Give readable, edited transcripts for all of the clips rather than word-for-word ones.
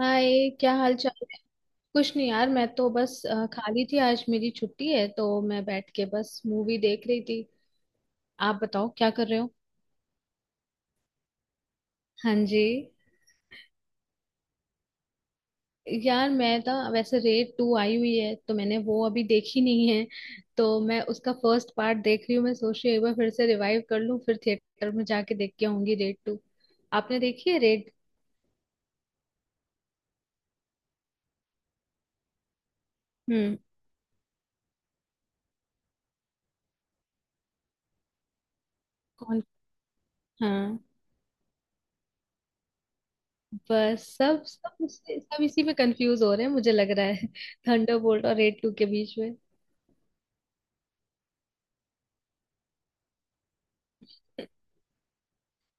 हाय, क्या हाल चाल है? कुछ नहीं यार, मैं तो बस खाली थी। आज मेरी छुट्टी है तो मैं बैठ के बस मूवी देख रही थी। आप बताओ क्या कर रहे हो। हाँ जी। यार मैं ना वैसे, रेड टू आई हुई है तो मैंने वो अभी देखी नहीं है। तो मैं उसका फर्स्ट पार्ट देख रही हूँ। मैं सोच रही हूँ एक बार फिर से रिवाइव कर लूँ, फिर थिएटर में जाके देख के आऊंगी रेड टू। आपने देखी है रेड? हम्म। कौन। हाँ, बस सब सब इसी में कंफ्यूज हो रहे हैं, मुझे लग रहा है थंडरबोल्ट और रेड टू के बीच में।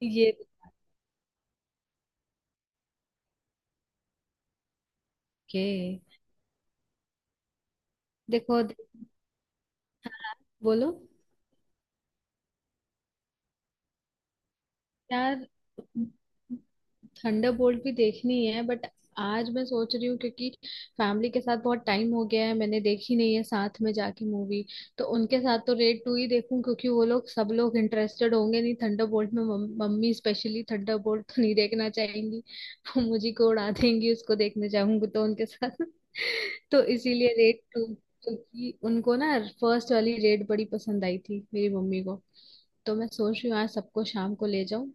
ये के देखो बोलो। यार, थंडरबोल्ट भी देखनी है बट आज मैं सोच रही हूँ क्योंकि फैमिली के साथ बहुत टाइम हो गया है, मैंने देखी नहीं है साथ में जाके मूवी। तो उनके साथ तो रेड टू ही देखूं क्योंकि वो लोग, सब लोग इंटरेस्टेड होंगे, नहीं थंडरबोल्ट में। मम्मी स्पेशली थंडरबोल्ट तो नहीं देखना चाहेंगी। वो मुझे को उड़ा देंगी उसको देखने जाऊंगी तो उनके साथ। तो इसीलिए रेड टू। क्योंकि उनको ना फर्स्ट वाली रेड बड़ी पसंद आई थी, मेरी मम्मी को। तो मैं सोच रही हूँ आज सबको शाम को ले जाऊं।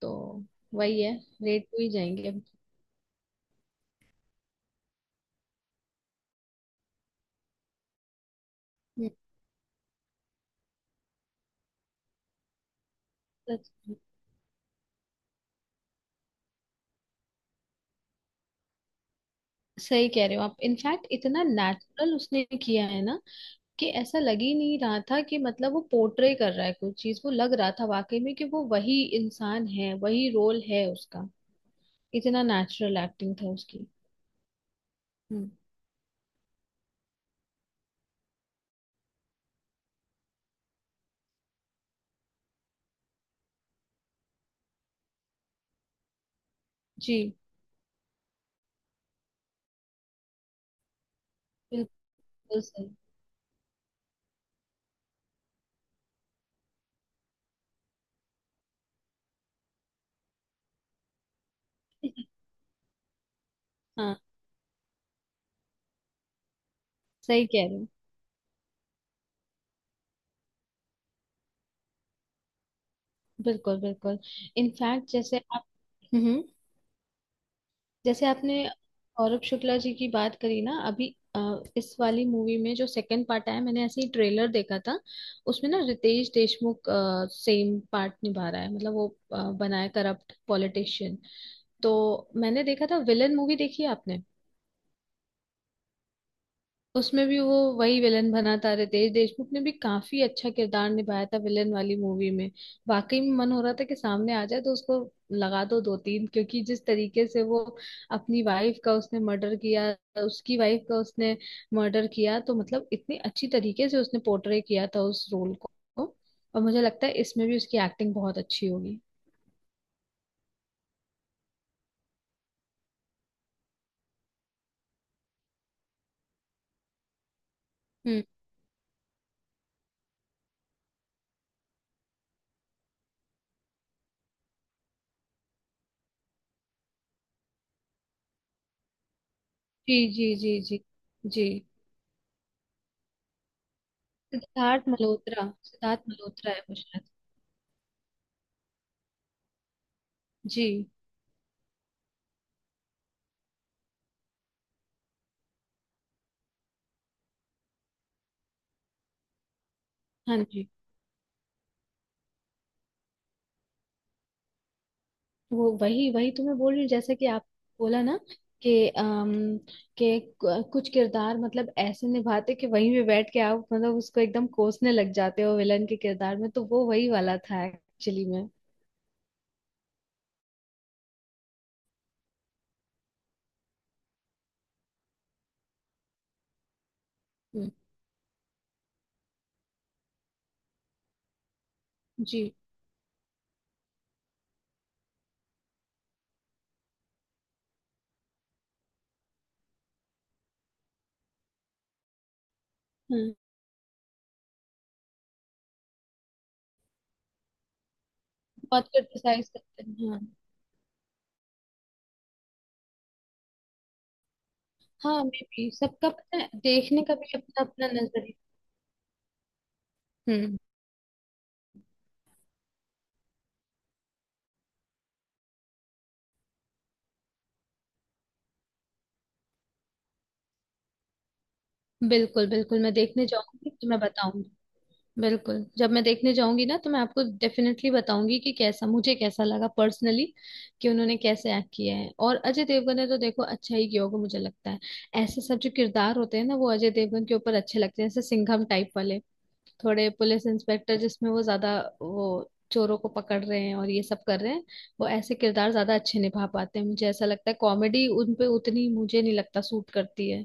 तो वही है, रेट टू ही जाएंगे अब। हम्म, सच- सही कह रहे हो आप। इनफैक्ट इतना नेचुरल उसने किया है ना, कि ऐसा लग ही नहीं रहा था कि मतलब वो पोर्ट्रे कर रहा है कोई चीज वो लग रहा था वाकई में कि वो वही इंसान है, वही रोल है उसका। इतना नेचुरल एक्टिंग था उसकी। हम्म। जी। बिल्कुल सही। हाँ, सही कह रहे हो। बिल्कुल बिल्कुल। इनफैक्ट जैसे आप। हम्म। जैसे आपने सौरभ शुक्ला जी की बात करी ना अभी, अ, इस वाली मूवी में जो सेकंड पार्ट आया, मैंने ऐसे ही ट्रेलर देखा था। उसमें ना रितेश देशमुख सेम पार्ट निभा रहा है। मतलब वो बना है करप्ट पॉलिटिशियन। तो मैंने देखा था, विलन मूवी देखी है आपने? उसमें भी वो वही विलन बना था। रितेश देशमुख ने भी काफी अच्छा किरदार निभाया था विलन वाली मूवी में। वाकई में मन हो रहा था कि सामने आ जाए तो उसको लगा दो दो तीन, क्योंकि जिस तरीके से वो अपनी वाइफ का उसने मर्डर किया, उसकी वाइफ का उसने मर्डर किया, तो मतलब इतनी अच्छी तरीके से उसने पोर्ट्रे किया था उस रोल को। और मुझे लगता है इसमें भी उसकी एक्टिंग बहुत अच्छी होगी। हम्म। जी जी जी जी। जी। सिद्धार्थ मल्होत्रा, सिद्धार्थ मल्होत्रा है वो शायद। जी। हाँ जी। वो वही वही तो मैं बोल रही हूँ, जैसे कि आप बोला ना, कि अम कि कुछ किरदार मतलब ऐसे निभाते कि वहीं पे बैठ के आप मतलब उसको एकदम कोसने लग जाते हो विलन के किरदार में। तो वो वही वाला था एक्चुअली में। हम्म, जी हाँ। बहुत क्रिटिसाइज करते हैं, हाँ। हाँ, मे भी सबका पता है, देखने का भी अपना अपना नजरिया। हम्म। बिल्कुल बिल्कुल, मैं देखने जाऊंगी तो मैं बताऊंगी। बिल्कुल, जब मैं देखने जाऊंगी ना तो मैं आपको डेफिनेटली बताऊंगी कि कैसा, मुझे कैसा लगा पर्सनली, कि उन्होंने कैसे एक्ट किया है। और अजय देवगन ने तो देखो अच्छा ही किया होगा, मुझे लगता है। ऐसे सब जो किरदार होते हैं ना वो अजय देवगन के ऊपर अच्छे लगते हैं, जैसे सिंघम टाइप वाले, थोड़े पुलिस इंस्पेक्टर, जिसमें वो ज्यादा वो चोरों को पकड़ रहे हैं और ये सब कर रहे हैं। वो ऐसे किरदार ज्यादा अच्छे निभा पाते हैं मुझे ऐसा लगता है। कॉमेडी उन पे उतनी मुझे नहीं लगता सूट करती है।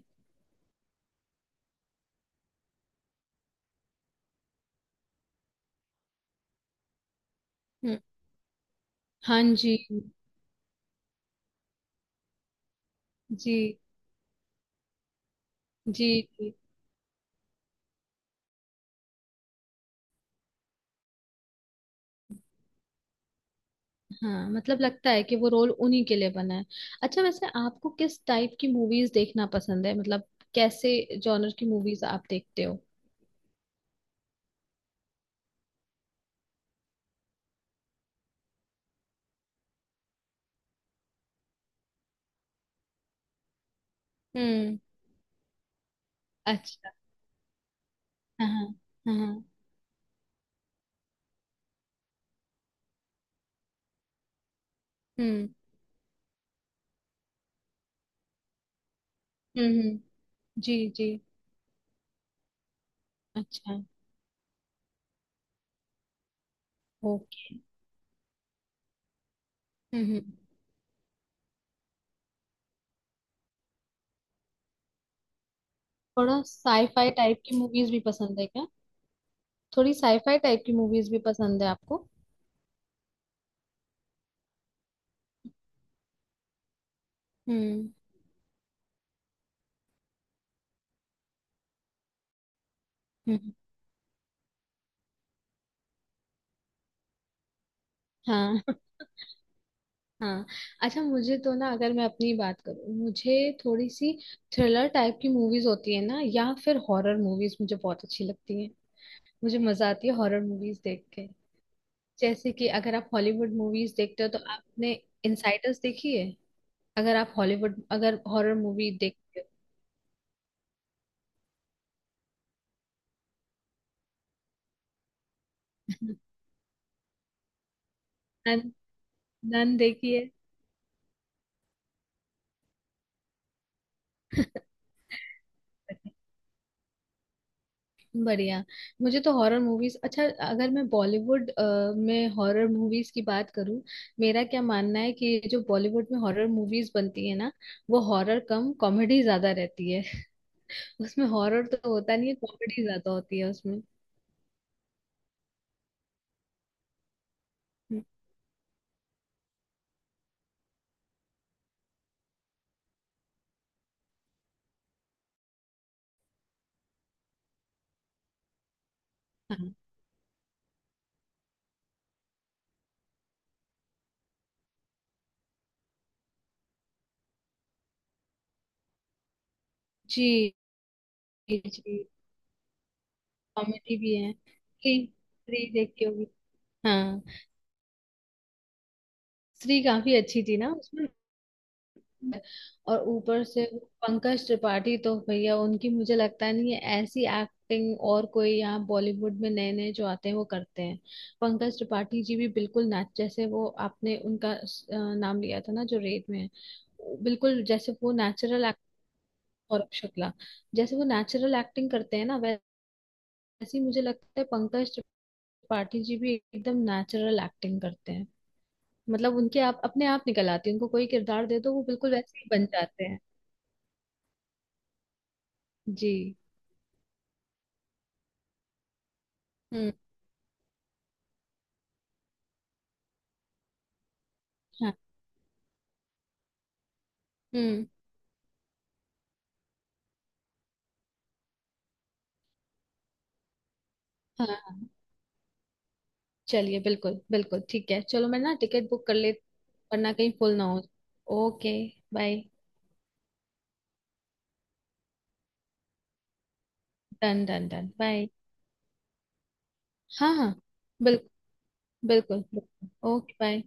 हम्म, हाँ जी। जी जी जी। हाँ, मतलब लगता है कि वो रोल उन्हीं के लिए बना है। अच्छा, वैसे आपको किस टाइप की मूवीज देखना पसंद है? मतलब कैसे जॉनर की मूवीज आप देखते हो? हम्म। अच्छा। हाँ हाँ। हाँ हाँ। हम्म हम्म। जी जी। अच्छा। ओके। हम्म हम्म। थोड़ा साईफाई टाइप की मूवीज भी पसंद है क्या? थोड़ी साईफाई टाइप की मूवीज भी पसंद है आपको? हम्म। हम्म। हाँ। हाँ। अच्छा, मुझे तो ना, अगर मैं अपनी बात करूँ, मुझे थोड़ी सी थ्रिलर टाइप की मूवीज होती है ना, या फिर हॉरर मूवीज, मुझे बहुत अच्छी लगती है। मुझे मजा आती है हॉरर मूवीज देख के। जैसे कि अगर आप हॉलीवुड मूवीज देखते हो, तो आपने इनसाइडर्स देखी है? अगर आप हॉलीवुड अगर हॉरर मूवी देखते हो। नन। नन देखी है? बढ़िया। मुझे तो हॉरर मूवीज अच्छा, अगर मैं बॉलीवुड में हॉरर मूवीज की बात करूं, मेरा क्या मानना है कि जो बॉलीवुड में हॉरर मूवीज बनती है ना, वो हॉरर कम कॉमेडी ज्यादा रहती है। उसमें हॉरर तो होता नहीं है, कॉमेडी ज्यादा होती है उसमें। हाँ। जी जी। कॉमेडी भी है। स्त्री, स्त्री देखी होगी। हाँ। स्त्री काफी अच्छी थी ना उसमें। और ऊपर से वो पंकज त्रिपाठी, तो भैया उनकी मुझे लगता नहीं है ऐसी एक्टिंग और कोई यहाँ बॉलीवुड में, नए नए जो आते हैं वो करते हैं। पंकज त्रिपाठी जी भी बिल्कुल ना, जैसे वो आपने उनका नाम लिया था ना, जो रेड में है। बिल्कुल जैसे वो नेचुरल एक्ट, और शुक्ला, जैसे वो नेचुरल एक्टिंग करते हैं ना, वैसे ही मुझे लगता है पंकज त्रिपाठी जी भी एकदम नेचुरल एक्टिंग करते हैं। मतलब उनके आप अपने आप निकल आती है, उनको कोई किरदार दे दो वो बिल्कुल वैसे ही बन जाते हैं। जी। हाँ। हम्म। हाँ हाँ, चलिए। बिल्कुल बिल्कुल ठीक है, चलो मैं ना टिकट बुक कर ले, वरना कहीं फुल ना हो। Okay. Bye. Done done done, bye. हाँ हाँ। बिल्कुल। बिल्कुल बिल्कुल, ओके, बाय।